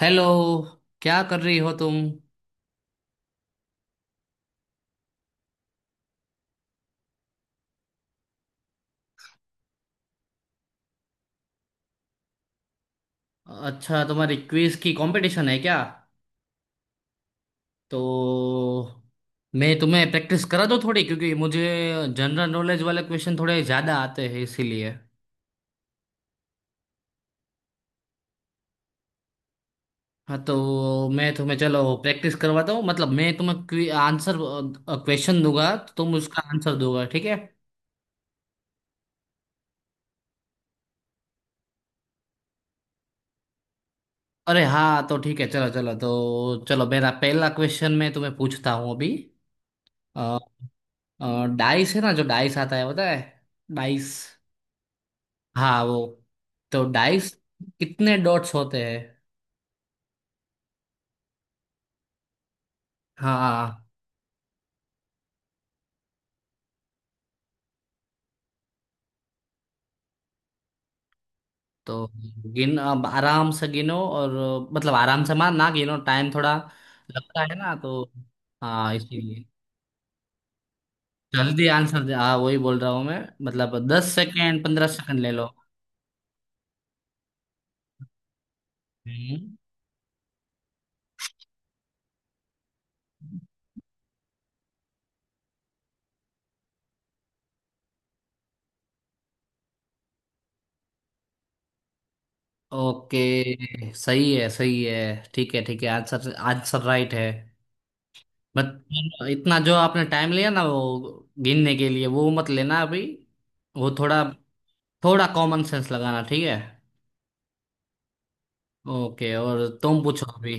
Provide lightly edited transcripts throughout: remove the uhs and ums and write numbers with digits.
Hello. क्या कर रही हो तुम? अच्छा, तुम्हारी क्विज की कंपटीशन है क्या? तो मैं तुम्हें प्रैक्टिस करा दो थोड़ी क्योंकि मुझे जनरल नॉलेज वाले क्वेश्चन थोड़े ज़्यादा आते हैं इसीलिए। हाँ, तो मैं तुम्हें चलो प्रैक्टिस करवाता हूँ, मतलब मैं तुम्हें आंसर क्वेश्चन दूंगा तो तुम उसका आंसर दोगा, ठीक है? अरे हाँ, तो ठीक है, चलो चलो तो चलो, मेरा पहला क्वेश्चन मैं तुम्हें पूछता हूँ अभी। अ, डाइस है ना, जो डाइस आता है पता है। डाइस। हाँ वो। तो डाइस कितने डॉट्स होते हैं? हाँ। तो गिन, अब आराम से गिनो और मतलब आराम से मार ना गिनो, टाइम थोड़ा लगता है ना तो। हाँ इसीलिए। जल्दी आंसर दे, हाँ वही बोल रहा हूँ मैं। मतलब 10 सेकेंड 15 सेकेंड ले लो। हम्म। ओके, सही है सही है। ठीक है ठीक है, आंसर आंसर राइट है। बट इतना जो आपने टाइम लिया ना वो गिनने के लिए, वो मत लेना अभी। वो थोड़ा थोड़ा कॉमन सेंस लगाना, ठीक है। ओके, और तुम पूछो अभी।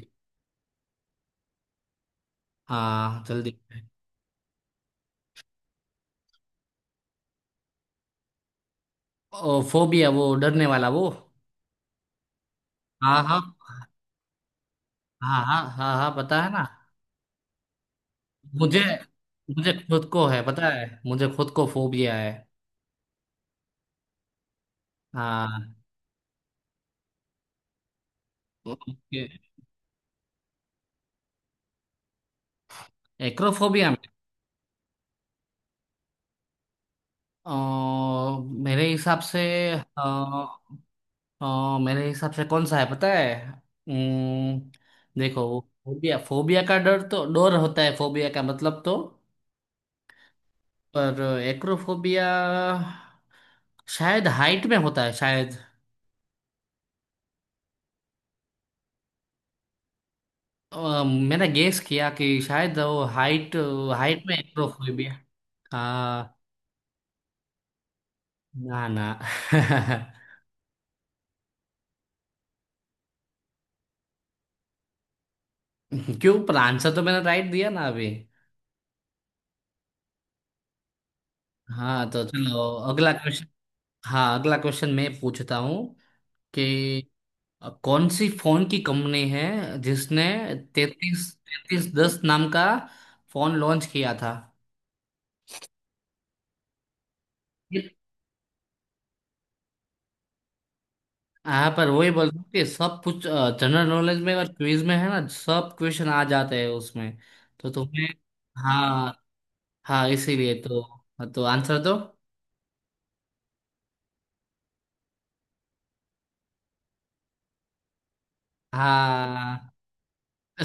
हाँ, जल्दी। ओ फोबिया, वो डरने वाला वो। हाँ हाँ हाँ हाँ। हाँ हाँ पता है ना। मुझे मुझे खुद को है, पता है मुझे खुद को फोबिया है। हाँ। ओके। एक्रोफोबिया में। अ, मेरे हिसाब से। अ, मेरे हिसाब से कौन सा है पता है। अम्म, देखो, फोबिया फोबिया का डर तो डर होता है, फोबिया का मतलब तो। पर एक्रोफोबिया शायद हाइट में होता है शायद। मैंने गेस किया कि शायद वो हाइट, हाइट में एक्रोफोबिया। हाँ। ना ना। क्यों, पर आंसर तो मैंने राइट दिया ना अभी। हाँ, तो चलो अगला क्वेश्चन। हाँ, अगला क्वेश्चन मैं पूछता हूँ कि कौन सी फोन की कंपनी है जिसने 3310 नाम का फोन लॉन्च किया था? हाँ, पर वही बोल रहा हूँ कि सब कुछ जनरल नॉलेज में और क्विज में है ना, सब क्वेश्चन आ जाते हैं उसमें, तो तुम्हें। हाँ हाँ, इसीलिए तो। तो आंसर दो। हाँ,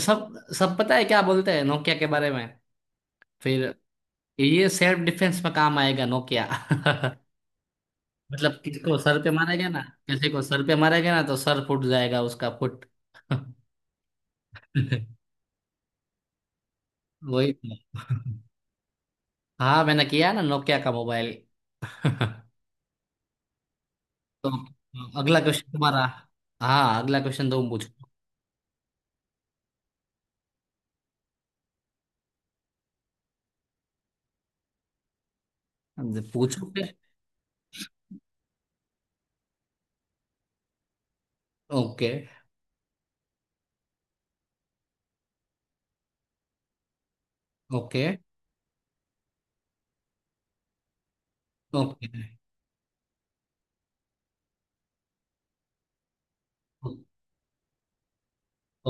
सब सब पता है क्या बोलते हैं नोकिया के बारे में फिर। ये सेल्फ डिफेंस में काम आएगा नोकिया। मतलब किसी को सर पे मारा गया ना, किसी को सर पे मारा गया ना तो सर फूट जाएगा उसका फुट। वही तो। हाँ मैंने किया ना नोकिया का मोबाइल। तो अगला क्वेश्चन तुम्हारा। हाँ, अगला क्वेश्चन तुम पूछो। अब पूछो फिर। Okay okay okay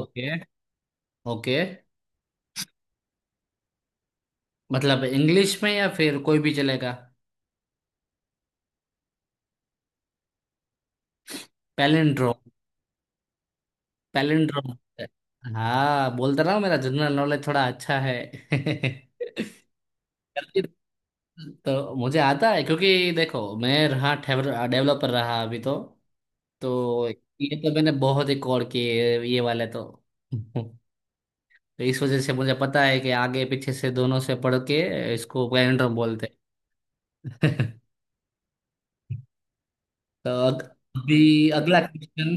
okay okay. मतलब इंग्लिश में, या फिर कोई भी चलेगा? पैलिंड्रोम। पैलिंड्रोम। हाँ, बोलता रहा हूँ मेरा जनरल नॉलेज थोड़ा अच्छा है। तो मुझे आता है क्योंकि देखो, मैं रहा डेवलपर रहा अभी तो ये तो मैंने बहुत ही कॉल किए ये वाले तो। तो इस वजह से मुझे पता है कि आगे पीछे से दोनों से पढ़ के इसको पैनड्रम बोलते हैं। तो अभी अगला क्वेश्चन।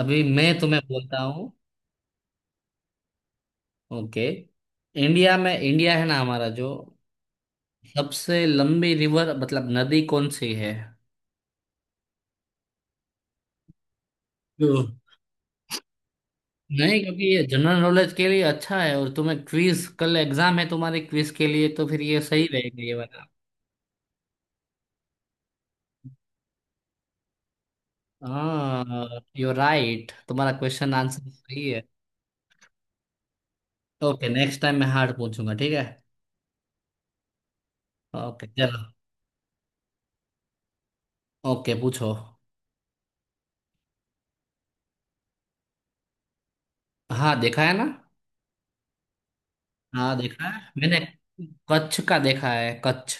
अभी मैं तुम्हें बोलता हूँ। ओके। इंडिया में, इंडिया है ना हमारा जो, सबसे लंबी रिवर मतलब नदी कौन सी है? तो- नहीं, क्योंकि ये जनरल नॉलेज के लिए अच्छा है, और तुम्हें क्विज कल एग्जाम है तुम्हारे, क्विज के लिए तो फिर ये सही रहेगा ये वाला। हाँ, यू राइट, तुम्हारा क्वेश्चन आंसर सही है। ओके, नेक्स्ट टाइम मैं हार्ड पूछूंगा, ठीक है। ओके, चलो। ओके, पूछो। हाँ देखा है ना। हाँ देखा है मैंने, कच्छ का देखा है कच्छ।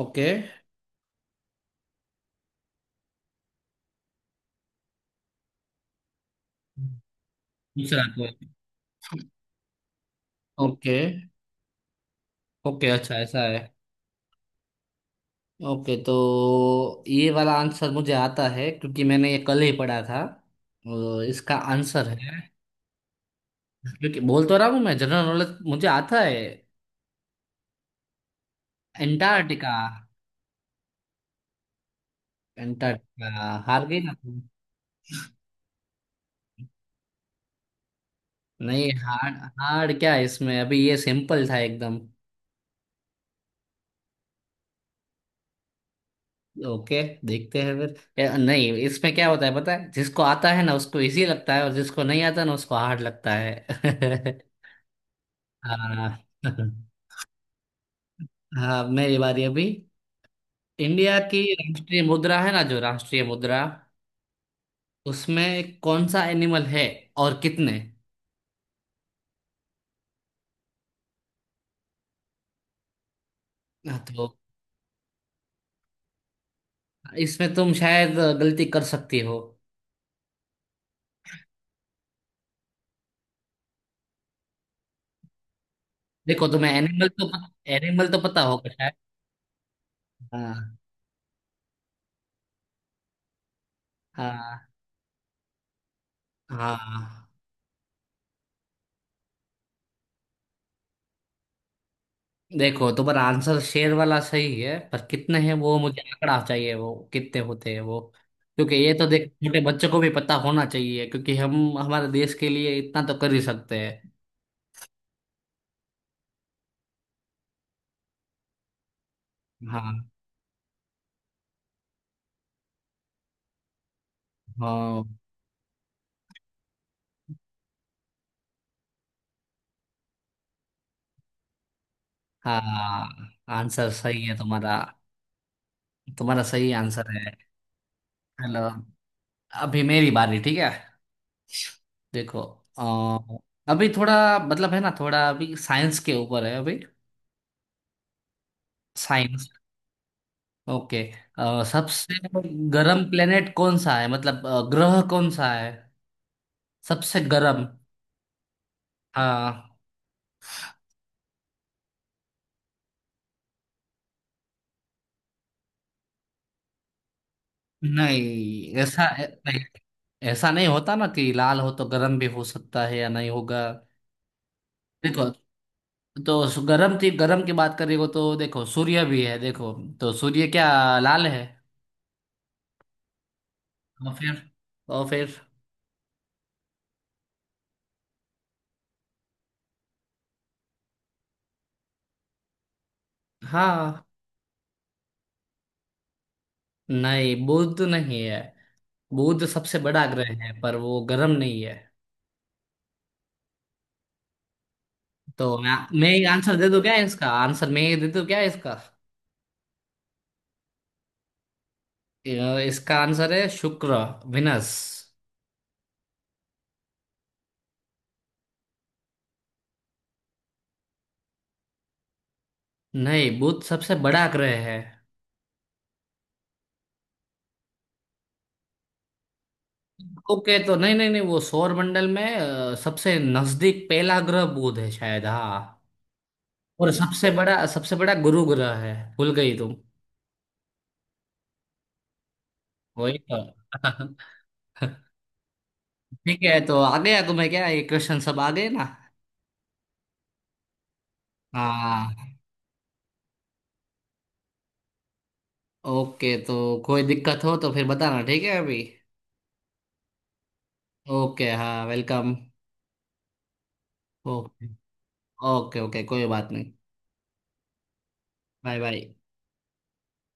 ओके, दूसरा कोई? ओके। ओके, अच्छा ऐसा है। ओके, तो ये वाला आंसर मुझे आता है क्योंकि मैंने ये कल ही पढ़ा था, और इसका आंसर है, क्योंकि बोल तो रहा हूँ मैं जनरल नॉलेज मुझे आता है। एंटार्क्टिका। एंटार्क्टिका, हार गई ना तुम। नहीं हार्ड, हार्ड क्या है इसमें, अभी ये सिंपल था एकदम। ओके, देखते हैं फिर, या, नहीं, इसमें क्या होता है पता है, जिसको आता है ना उसको इजी लगता है और जिसको नहीं आता ना उसको हार्ड लगता है। हाँ। हाँ, मेरी बारी अभी। इंडिया की राष्ट्रीय मुद्रा है ना जो, राष्ट्रीय मुद्रा उसमें कौन सा एनिमल है और कितने? हाँ, तो इसमें तुम शायद गलती कर सकती हो। देखो तुम्हें एनिमल तो पता होगा शायद। हाँ हाँ हाँ। देखो, तुम्हारा आंसर शेर वाला सही है, पर कितने हैं वो मुझे आंकड़ा चाहिए, वो कितने होते हैं वो? क्योंकि ये तो देख, छोटे बच्चों को भी पता होना चाहिए क्योंकि हम हमारे देश के लिए इतना तो कर ही सकते हैं। हाँ हाँ हाँ। आंसर सही है तुम्हारा। तुम्हारा सही आंसर है। चलो, अभी मेरी बारी, ठीक है। देखो। अभी थोड़ा मतलब है ना, थोड़ा अभी साइंस के ऊपर है अभी। साइंस। ओके। सबसे गर्म प्लेनेट कौन सा है, मतलब ग्रह कौन सा है? सबसे गर्म। हाँ। नहीं ऐसा, नहीं, ऐसा नहीं होता ना कि लाल हो तो गर्म भी हो सकता है या नहीं होगा। देखो, तो गर्म थी, गर्म की बात करेगा तो देखो सूर्य भी है देखो। तो सूर्य क्या लाल है। और फिर और फिर। हाँ। नहीं, बुध नहीं है। बुध सबसे बड़ा ग्रह है पर वो गर्म नहीं है। तो मैं एक आंसर दे दूं क्या, इसका आंसर मैं ये दे दूं क्या इसका? इसका आंसर है शुक्र। विनस। नहीं, बुध सबसे बड़ा ग्रह है। ओके, तो नहीं नहीं नहीं, वो सौर मंडल में सबसे नजदीक पहला ग्रह बुध है शायद, हाँ। और सबसे बड़ा गुरु ग्रह है, भूल गई तुम। वही तो। ठीक है, तो आ गया तुम्हें क्या, ये क्वेश्चन सब आ गए ना। हाँ। ओके, तो कोई दिक्कत हो तो फिर बताना, ठीक है अभी। ओके, हाँ वेलकम। ओके। ओके ओके, कोई बात नहीं। Bye bye.